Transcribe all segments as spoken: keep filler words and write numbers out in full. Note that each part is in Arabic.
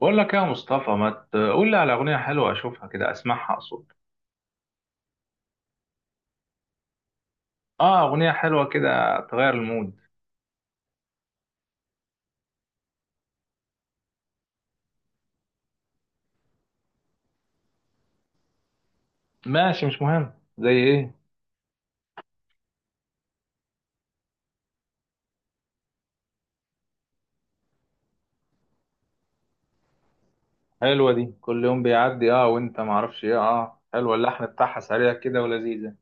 بقول لك يا مصطفى، ما تقول لي على أغنية حلوة أشوفها كده أسمعها أقصد. آه أغنية حلوة كده تغير المود. ماشي مش مهم، زي إيه؟ حلوة دي كل يوم بيعدي، آه وأنت معرفش إيه، آه حلوة اللحن بتاعها سريع كده ولذيذة.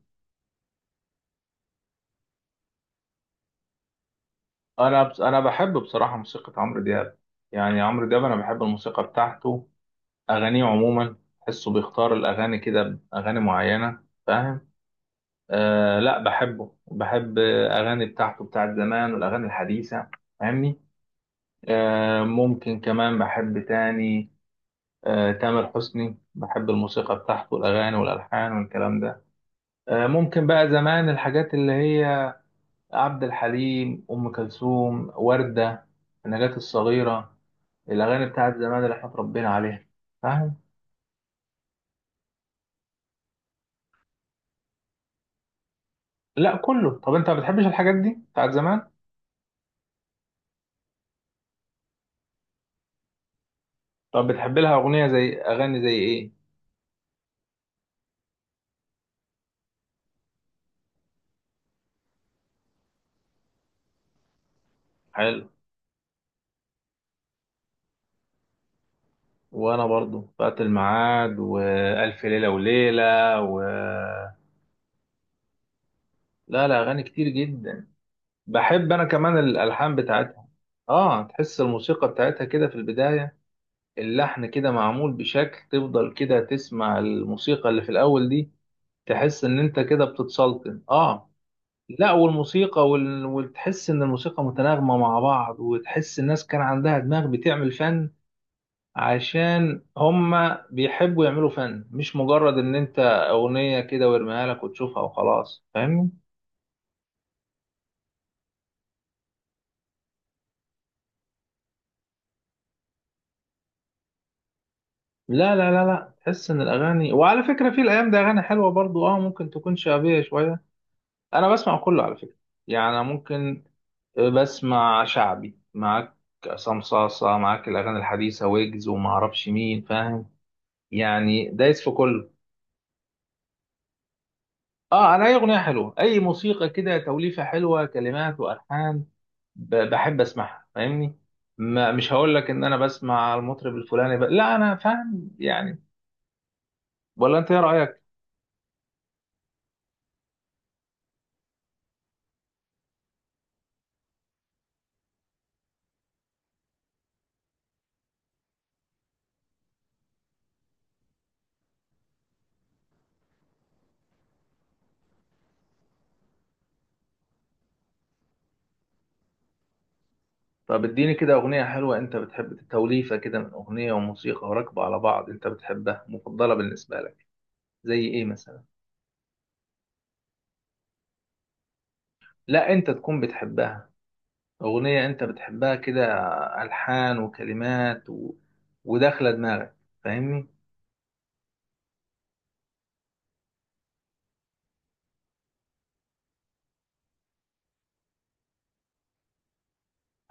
أنا بس أنا بحب بصراحة موسيقى عمرو دياب، يعني عمرو دياب أنا بحب الموسيقى بتاعته. أغانيه عموما تحسه بيختار الأغاني كده، أغاني معينة فاهم. آه لا بحبه، بحب أغاني بتاعته بتاعت زمان والأغاني الحديثة. فاهمني. آه، ممكن كمان بحب تاني. آه، تامر حسني بحب الموسيقى بتاعته والأغاني والألحان والكلام ده. آه، ممكن بقى زمان الحاجات اللي هي عبد الحليم، أم كلثوم، وردة، نجاة الصغيرة، الأغاني بتاعت زمان اللي احنا اتربينا عليها. فاهم؟ لا كله. طب أنت ما بتحبش الحاجات دي بتاعت زمان؟ طب بتحب لها أغنية، زي أغاني زي إيه؟ حلو، وأنا برضو فات الميعاد وألف ليلة وليلة و... لا لا أغاني كتير جدا، بحب انا كمان الالحان بتاعتها. اه تحس الموسيقى بتاعتها كده في البدايه، اللحن كده معمول بشكل تفضل كده تسمع الموسيقى اللي في الاول دي، تحس ان انت كده بتتسلطن. اه لا والموسيقى وال... وتحس ان الموسيقى متناغمه مع بعض، وتحس الناس كان عندها دماغ بتعمل فن، عشان هما بيحبوا يعملوا فن، مش مجرد ان انت اغنيه كده ويرميها لك وتشوفها وخلاص. فاهمني. لا لا لا لا تحس ان الاغاني، وعلى فكره في الايام دي اغاني حلوه برضو، اه ممكن تكون شعبيه شويه. انا بسمع كله على فكره، يعني أنا ممكن، آه، بسمع شعبي معاك، عصام صاصه معاك، الاغاني الحديثه ويجز وما اعرفش مين، فاهم؟ يعني دايس في كله. اه انا اي اغنيه حلوه اي موسيقى كده، توليفه حلوه كلمات والحان، ب- بحب اسمعها فاهمني. ما مش هقول لك ان انا بسمع المطرب الفلاني ب... لا انا فاهم يعني. ولا انت ايه رايك؟ طب اديني كده أغنية حلوة، أنت بتحب توليفة كده من أغنية وموسيقى وراكبة على بعض، أنت بتحبها مفضلة بالنسبة لك. زي إيه مثلا؟ لا أنت تكون بتحبها، أغنية أنت بتحبها كده، ألحان وكلمات و... وداخلة دماغك. فاهمني؟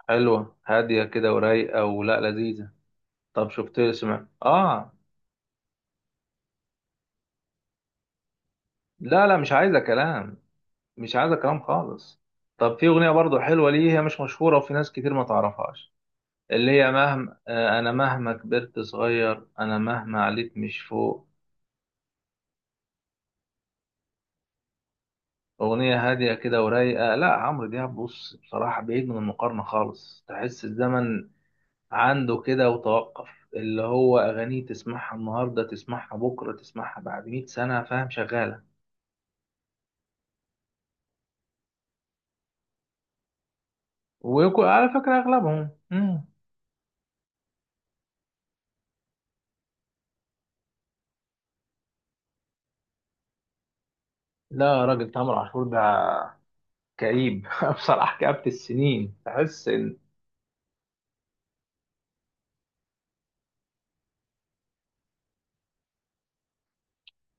حلوة هادية كده ورايقة ولا لذيذة؟ طب شفت سمع آه. لا لا مش عايزة كلام، مش عايزة كلام خالص. طب في أغنية برضو حلوة، ليه هي مش مشهورة وفي ناس كتير ما تعرفهاش؟ اللي هي مهما، آه، أنا مهما كبرت صغير، أنا مهما عليت مش فوق. أغنية هادية كده ورايقة. لا عمرو دياب بص بصراحة بعيد من المقارنة خالص، تحس الزمن عنده كده وتوقف، اللي هو أغانيه تسمعها النهاردة تسمعها بكرة تسمعها بعد مية سنة، فاهم شغالة. ويكون على فكرة أغلبهم مم. لا يا راجل تامر عاشور ده كئيب بصراحة كآبة السنين تحس.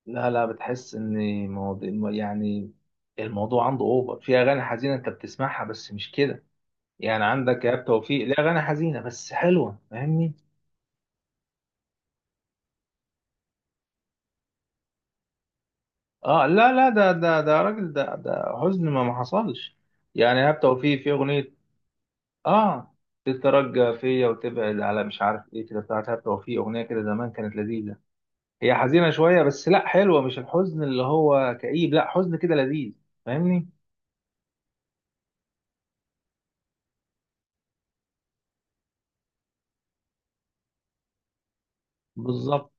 لا لا بتحس ان، مواضيع يعني، الموضوع عنده اوفر في اغاني حزينه انت بتسمعها، بس مش كده يعني. عندك ايهاب توفيق ليه اغاني حزينه بس حلوه، فاهمني. اه لا لا ده ده ده راجل، ده ده حزن ما ما حصلش. يعني ايهاب توفيق في اغنيه، اه تترجى فيا وتبعد على مش عارف ايه كده، بتاعت ايهاب توفيق اغنيه كده زمان كانت لذيذه، هي حزينه شويه بس لا حلوه، مش الحزن اللي هو كئيب، لا حزن كده لذيذ. فاهمني. بالظبط.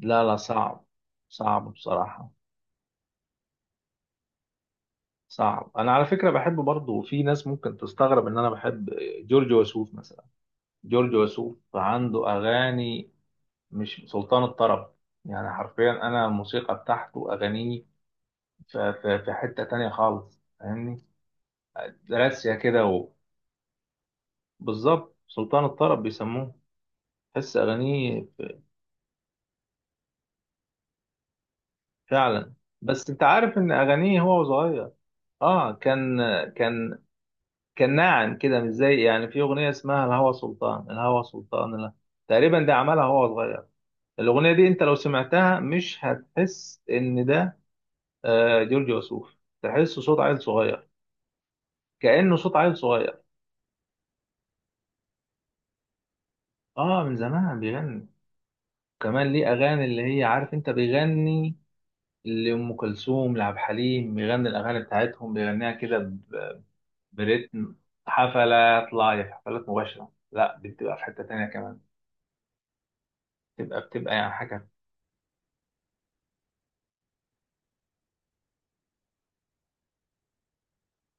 لا لا صعب، صعب بصراحه. صعب. انا على فكره بحب برضه، في ناس ممكن تستغرب ان انا بحب جورج وسوف مثلا. جورج وسوف عنده اغاني، مش سلطان الطرب يعني حرفيا. انا الموسيقى بتاعته اغانيه ف- ف- في حته تانية خالص، فاهمني. راسية كده و... بالظبط سلطان الطرب بيسموه، تحس اغانيه ف- فعلا. بس انت عارف ان اغانيه هو صغير. اه كان كان كان ناعم كده، مش زي يعني، في اغنيه اسمها الهوى سلطان، الهوى سلطان لا. تقريبا ده عملها وهو صغير، الاغنيه دي انت لو سمعتها مش هتحس ان ده آه، جورج وسوف، تحسه صوت عيل صغير، كانه صوت عيل صغير. اه من زمان بيغني، كمان ليه اغاني اللي هي عارف انت بيغني لام كلثوم لعبد الحليم، بيغني الاغاني بتاعتهم بيغنيها كده ب- برتم. حفلات لايف، حفلات مباشره لا بتبقى في حته تانيه كمان، بتبقى بتبقى يعني حاجه.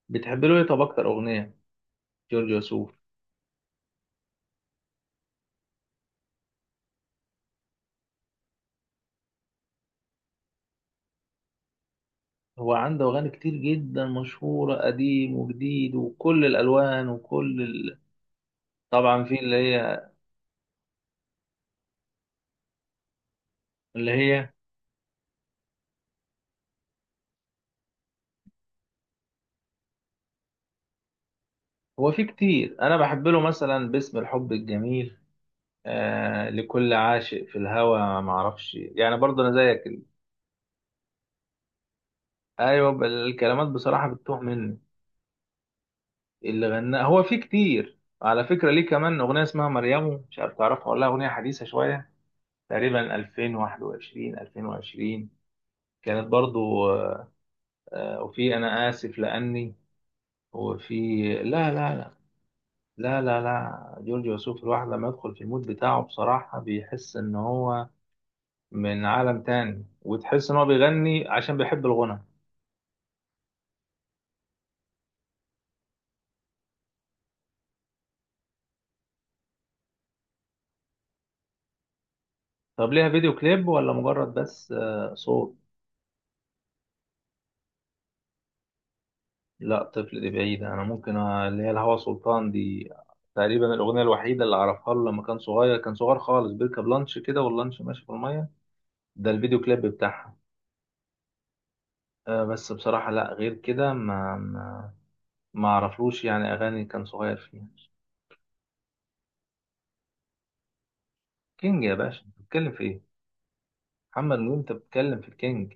بتحب له ايه، طب اكتر اغنيه جورج وسوف؟ هو عنده أغاني كتير جدا مشهورة، قديم وجديد وكل الألوان وكل ال... طبعا في اللي هي، اللي هي، هو في كتير أنا بحب له مثلا باسم الحب الجميل، آه لكل عاشق في الهوى، معرفش يعني برضه أنا زيك ال-، أيوة ب- الكلمات بصراحة بتتوه مني. اللي غناه هو في كتير على فكرة، ليه كمان أغنية اسمها مريم، مش عارف تعرفها ولا لأ، أغنية حديثة شوية، تقريبا ألفين وحداشر ألفين وعشرين، كانت برضو، آه، وفي انا اسف لاني، وفي... لا لا لا لا لا لا جورج وسوف الواحد لما يدخل في المود بتاعه بصراحة بيحس ان هو من عالم تاني، وتحس ان هو بيغني عشان بيحب الغنى. طب ليها فيديو كليب ولا مجرد بس آه، صوت؟ لا طفل دي بعيدة، انا ممكن آه، اللي هي الهوى سلطان دي، تقريبا الأغنية الوحيدة اللي أعرفها له لما كان صغير، كان صغير خالص بيركب لانش كده واللانش ماشي في المية، ده الفيديو كليب بتاعها. آه، بس بصراحة لا غير كده ما, ما ما اعرفلوش يعني اغاني كان صغير فيها. كينج يا باشا، انت بتتكلم في ايه؟ محمد نجوم، انت بتتكلم في الكينج.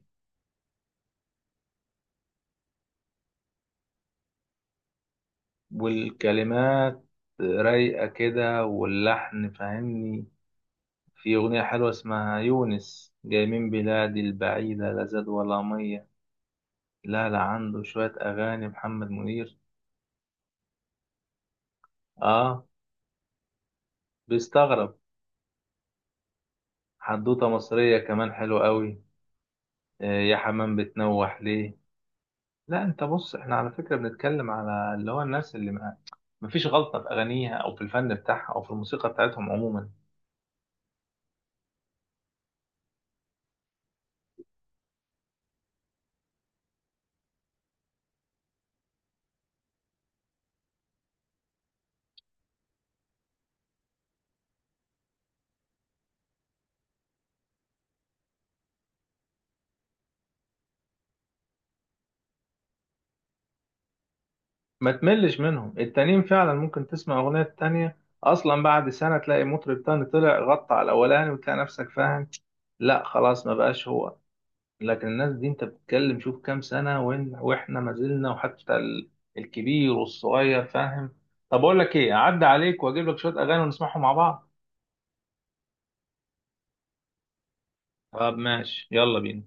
والكلمات رايقه كده واللحن، فاهمني. في اغنيه حلوه اسمها يونس، جاي من بلادي البعيده لا زاد ولا ميه. لا لا عنده شويه اغاني محمد منير. اه بيستغرب. حدوته مصريه كمان حلوه قوي، آه يا حمام بتنوح ليه. لا انت بص احنا على فكرة بنتكلم على اللي هو الناس اللي ما، مفيش غلطة في اغانيها او في الفن بتاعها او في الموسيقى بتاعتهم عموما. ما تملش منهم، التانيين فعلا ممكن تسمع اغنية التانية اصلا بعد سنة تلاقي مطرب تاني طلع غطى على الاولاني، وتلاقي نفسك فاهم لا خلاص ما بقاش هو. لكن الناس دي انت بتتكلم شوف كام سنة، وإن واحنا ما زلنا، وحتى ال- الكبير والصغير، فاهم. طب اقول لك ايه، اعدي عليك واجيب لك شوية اغاني ونسمعهم مع بعض. طب ماشي يلا بينا.